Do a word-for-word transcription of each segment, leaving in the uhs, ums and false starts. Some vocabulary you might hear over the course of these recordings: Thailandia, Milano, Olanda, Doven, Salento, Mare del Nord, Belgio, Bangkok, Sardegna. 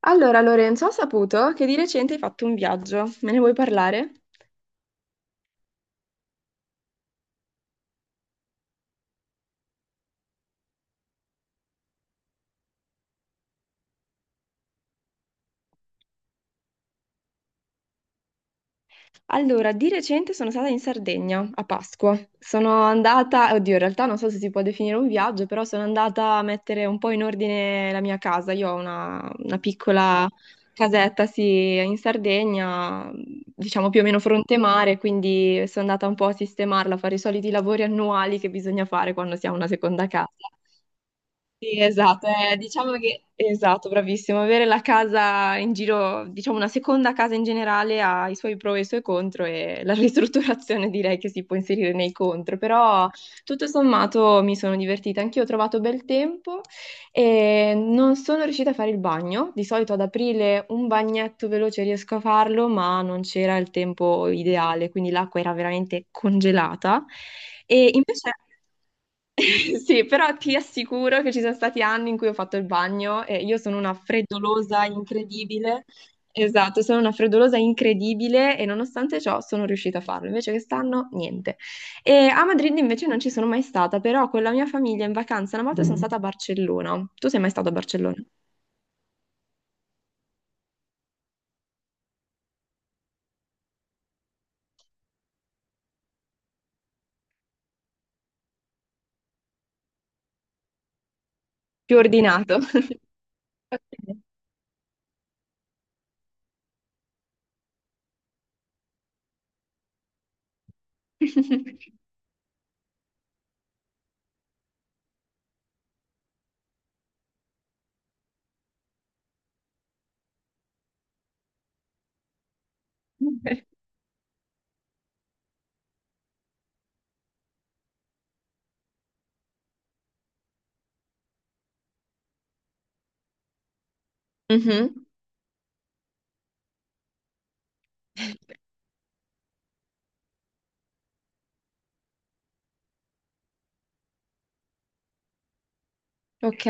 Allora, Lorenzo, ho saputo che di recente hai fatto un viaggio. Me ne vuoi parlare? Allora, di recente sono stata in Sardegna a Pasqua. Sono andata, oddio, in realtà non so se si può definire un viaggio, però sono andata a mettere un po' in ordine la mia casa. Io ho una, una piccola casetta, sì, in Sardegna, diciamo più o meno fronte mare, quindi sono andata un po' a sistemarla, a fare i soliti lavori annuali che bisogna fare quando si ha una seconda casa. Sì, esatto, eh, diciamo che, esatto, bravissimo, avere la casa in giro, diciamo una seconda casa in generale ha i suoi pro e i suoi contro e la ristrutturazione direi che si può inserire nei contro, però tutto sommato mi sono divertita, anch'io ho trovato bel tempo e non sono riuscita a fare il bagno. Di solito ad aprile un bagnetto veloce riesco a farlo, ma non c'era il tempo ideale, quindi l'acqua era veramente congelata. E invece... Sì, però ti assicuro che ci sono stati anni in cui ho fatto il bagno e io sono una freddolosa incredibile. Esatto, sono una freddolosa incredibile e nonostante ciò sono riuscita a farlo. Invece quest'anno niente. E a Madrid invece non ci sono mai stata, però con la mia famiglia in vacanza una volta sono stata a Barcellona. Tu sei mai stato a Barcellona? Più ordinato. Ok. Mhm. Ok.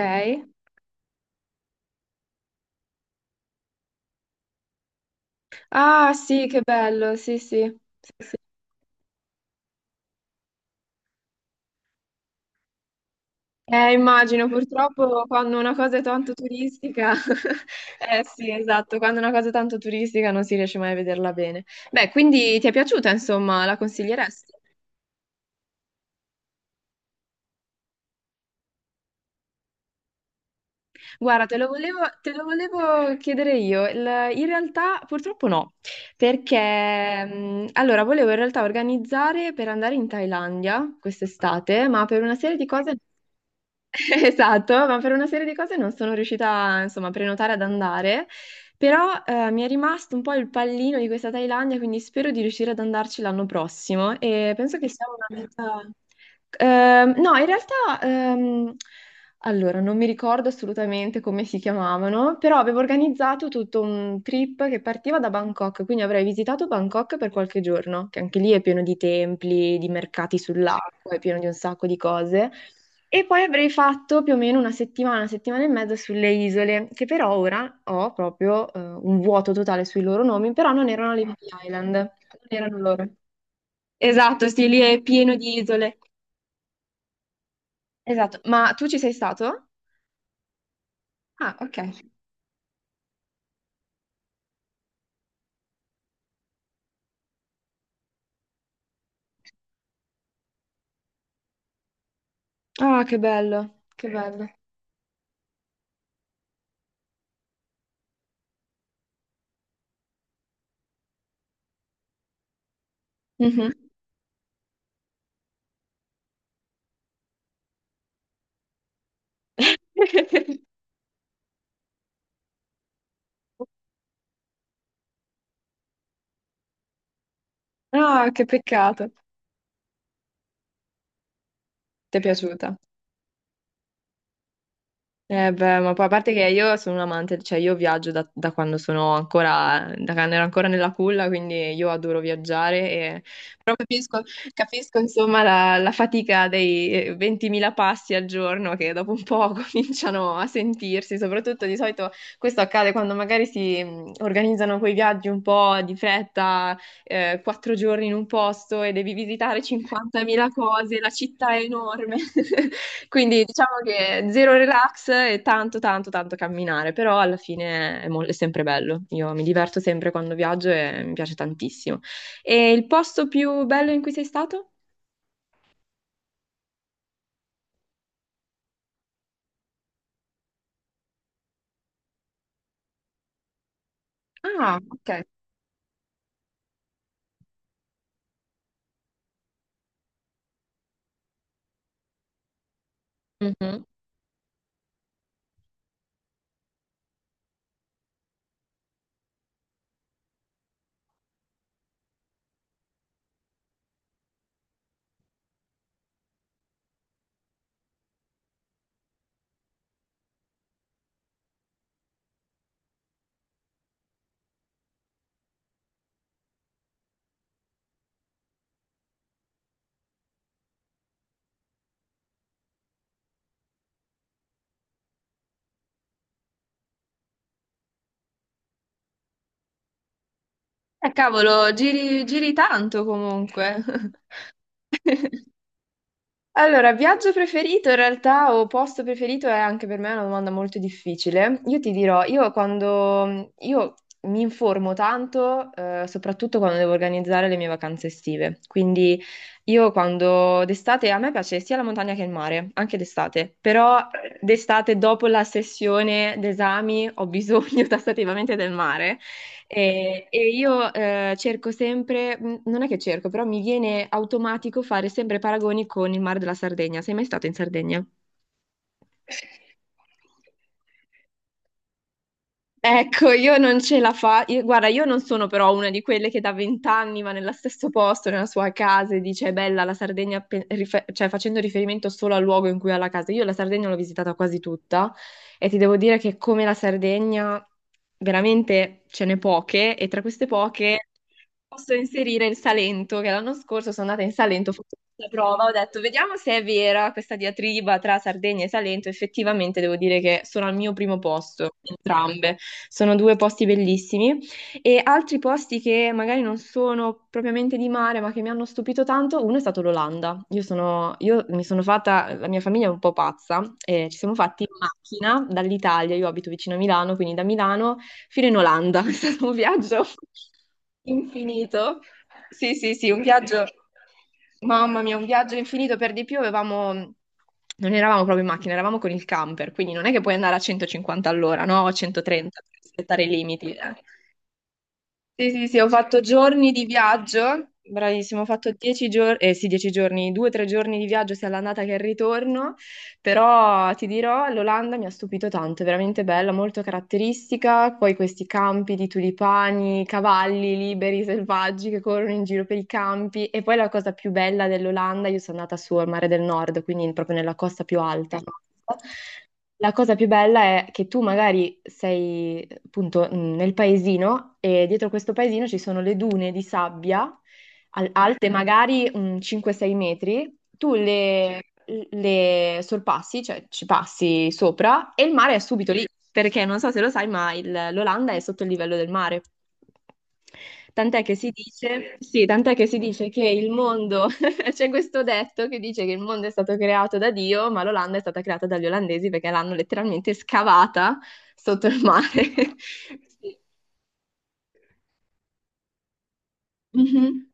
Ah, sì, che bello, sì, sì. Sì, sì. Eh, immagino, purtroppo quando una cosa è tanto turistica, eh sì, esatto, quando una cosa è tanto turistica non si riesce mai a vederla bene. Beh, quindi ti è piaciuta, insomma, la consiglieresti? Guarda, te lo volevo, te lo volevo chiedere io. Il- in realtà purtroppo no, perché mh, allora volevo in realtà organizzare per andare in Thailandia quest'estate, ma per una serie di cose... Esatto, ma per una serie di cose non sono riuscita, insomma, a prenotare ad andare, però eh, mi è rimasto un po' il pallino di questa Thailandia, quindi spero di riuscire ad andarci l'anno prossimo e penso che sia una meta... Ehm, no, in realtà, ehm, allora, non mi ricordo assolutamente come si chiamavano, però avevo organizzato tutto un trip che partiva da Bangkok, quindi avrei visitato Bangkok per qualche giorno, che anche lì è pieno di templi, di mercati, sì, sull'acqua, è pieno di un sacco di cose. E poi avrei fatto più o meno una settimana, una settimana e mezza sulle isole, che però ora ho proprio eh, un vuoto totale sui loro nomi, però non erano le Phi Island, non erano loro. Esatto, sì, lì è pieno di isole. Esatto, ma tu ci sei stato? Ah, ok. Ah, che bello, che bello. Mhm. Ah, che peccato. Ti è piaciuta? Eh beh, ma poi a parte che io sono un amante, cioè io viaggio da, da quando sono ancora, da quando ero ancora nella culla, quindi io adoro viaggiare, e- però capisco, capisco, insomma la, la fatica dei eh, ventimila passi al giorno che dopo un po' cominciano a sentirsi, soprattutto di solito questo accade quando magari si mh, organizzano quei viaggi un po' di fretta, eh, quattro giorni in un posto e devi visitare cinquantamila cose, la città è enorme. Quindi diciamo che zero relax e tanto, tanto, tanto camminare, però alla fine è, mol- è sempre bello. Io mi diverto sempre quando viaggio e mi piace tantissimo. E il posto più bello in cui sei stato? Ah, ok. Mhm. Eh, cavolo, giri, giri tanto comunque. Allora, viaggio preferito in realtà o posto preferito è anche per me una domanda molto difficile. Io ti dirò, io quando io mi informo tanto, eh, soprattutto quando devo organizzare le mie vacanze estive. Quindi io quando d'estate a me piace sia la montagna che il mare, anche d'estate, però d'estate dopo la sessione d'esami ho bisogno tassativamente del mare e, e io eh, cerco sempre, mh, non è che cerco, però mi viene automatico fare sempre paragoni con il mare della Sardegna. Sei mai stato in Sardegna? Ecco, io non ce la fa. Io- guarda, io non sono però una di quelle che da vent'anni va nello stesso posto, nella sua casa e dice è bella la Sardegna, pe- rife- cioè facendo riferimento solo al luogo in cui ha la casa. Io la Sardegna l'ho visitata quasi tutta e ti devo dire che come la Sardegna veramente ce n'è poche, e tra queste poche posso inserire il Salento, che l'anno scorso sono andata in Salento, ho fatto questa prova, ho detto vediamo se è vera questa diatriba tra Sardegna e Salento, effettivamente devo dire che sono al mio primo posto, entrambe. Sono due posti bellissimi. E altri posti che magari non sono propriamente di mare, ma che mi hanno stupito tanto, uno è stato l'Olanda. Io sono, io mi sono fatta, la mia famiglia è un po' pazza, e ci siamo fatti in macchina dall'Italia, io abito vicino a Milano, quindi da Milano fino in Olanda. È stato un viaggio infinito. Sì, sì, sì, un viaggio, mamma mia, un viaggio infinito. Per di più avevamo... Non eravamo proprio in macchina, eravamo con il camper, quindi non è che puoi andare a centocinquanta all'ora, no? O centotrenta per rispettare i limiti. eh. Sì, sì, sì, ho fatto giorni di viaggio, bravissimo, ho fatto dieci giorni, eh sì, dieci giorni, due o tre giorni di viaggio sia all'andata che al ritorno, però ti dirò, l'Olanda mi ha stupito tanto, è veramente bella, molto caratteristica, poi questi campi di tulipani, cavalli liberi, selvaggi che corrono in giro per i campi, e poi la cosa più bella dell'Olanda, io sono andata su al Mare del Nord, quindi proprio nella costa più alta. La cosa più bella è che tu magari sei appunto mh, nel paesino e dietro questo paesino ci sono le dune di sabbia al- alte magari mh, cinque sei metri, tu. Sì, le, le sorpassi, cioè ci passi sopra e il mare è subito lì, perché non so se lo sai, ma il- l'Olanda è sotto il livello del mare. Tant'è che si dice, sì, tant'è che si dice che il mondo, c'è questo detto che dice che il mondo è stato creato da Dio, ma l'Olanda è stata creata dagli olandesi perché l'hanno letteralmente scavata sotto il mare. Sì. Mhm.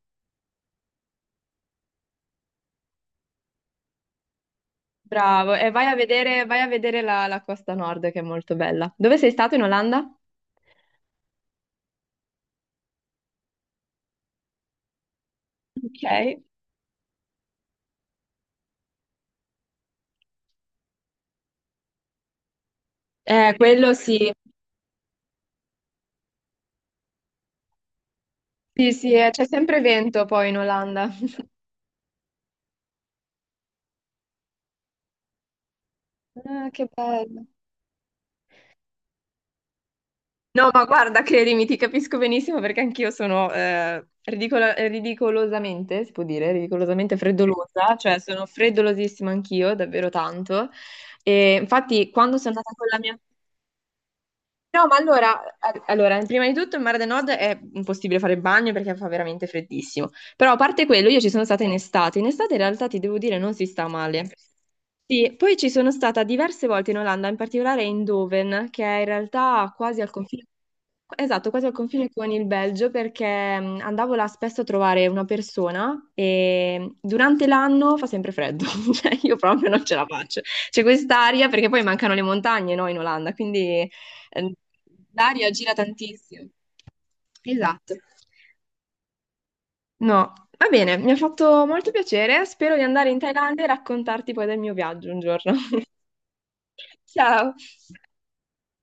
Bravo, e vai a vedere, vai a vedere la, la costa nord che è molto bella. Dove sei stato in Olanda? Ok. Eh, quello sì. Sì, sì, eh, c'è sempre vento poi in Olanda. Ah, che bello. No, ma guarda, credimi, ti capisco benissimo perché anch'io sono eh, ridicola- ridicolosamente, si può dire, ridicolosamente freddolosa, cioè sono freddolosissima anch'io, davvero tanto. E infatti, quando sono andata con la mia... No, ma allora, a- allora, prima di tutto in Mare del Nord è impossibile fare il bagno perché fa veramente freddissimo. Però a parte quello, io ci sono stata in estate. In estate in realtà ti devo dire non si sta male. Sì, poi ci sono stata diverse volte in Olanda, in particolare in Doven, che è in realtà quasi al confine, esatto, quasi al confine con il Belgio, perché mh, andavo là spesso a trovare una persona e durante l'anno fa sempre freddo, cioè io proprio non ce la faccio. C'è quest'aria perché poi mancano le montagne, no, in Olanda, quindi eh, l'aria gira tantissimo. Esatto. No, va bene, mi ha fatto molto piacere. Spero di andare in Thailandia e raccontarti poi del mio viaggio un giorno. Ciao.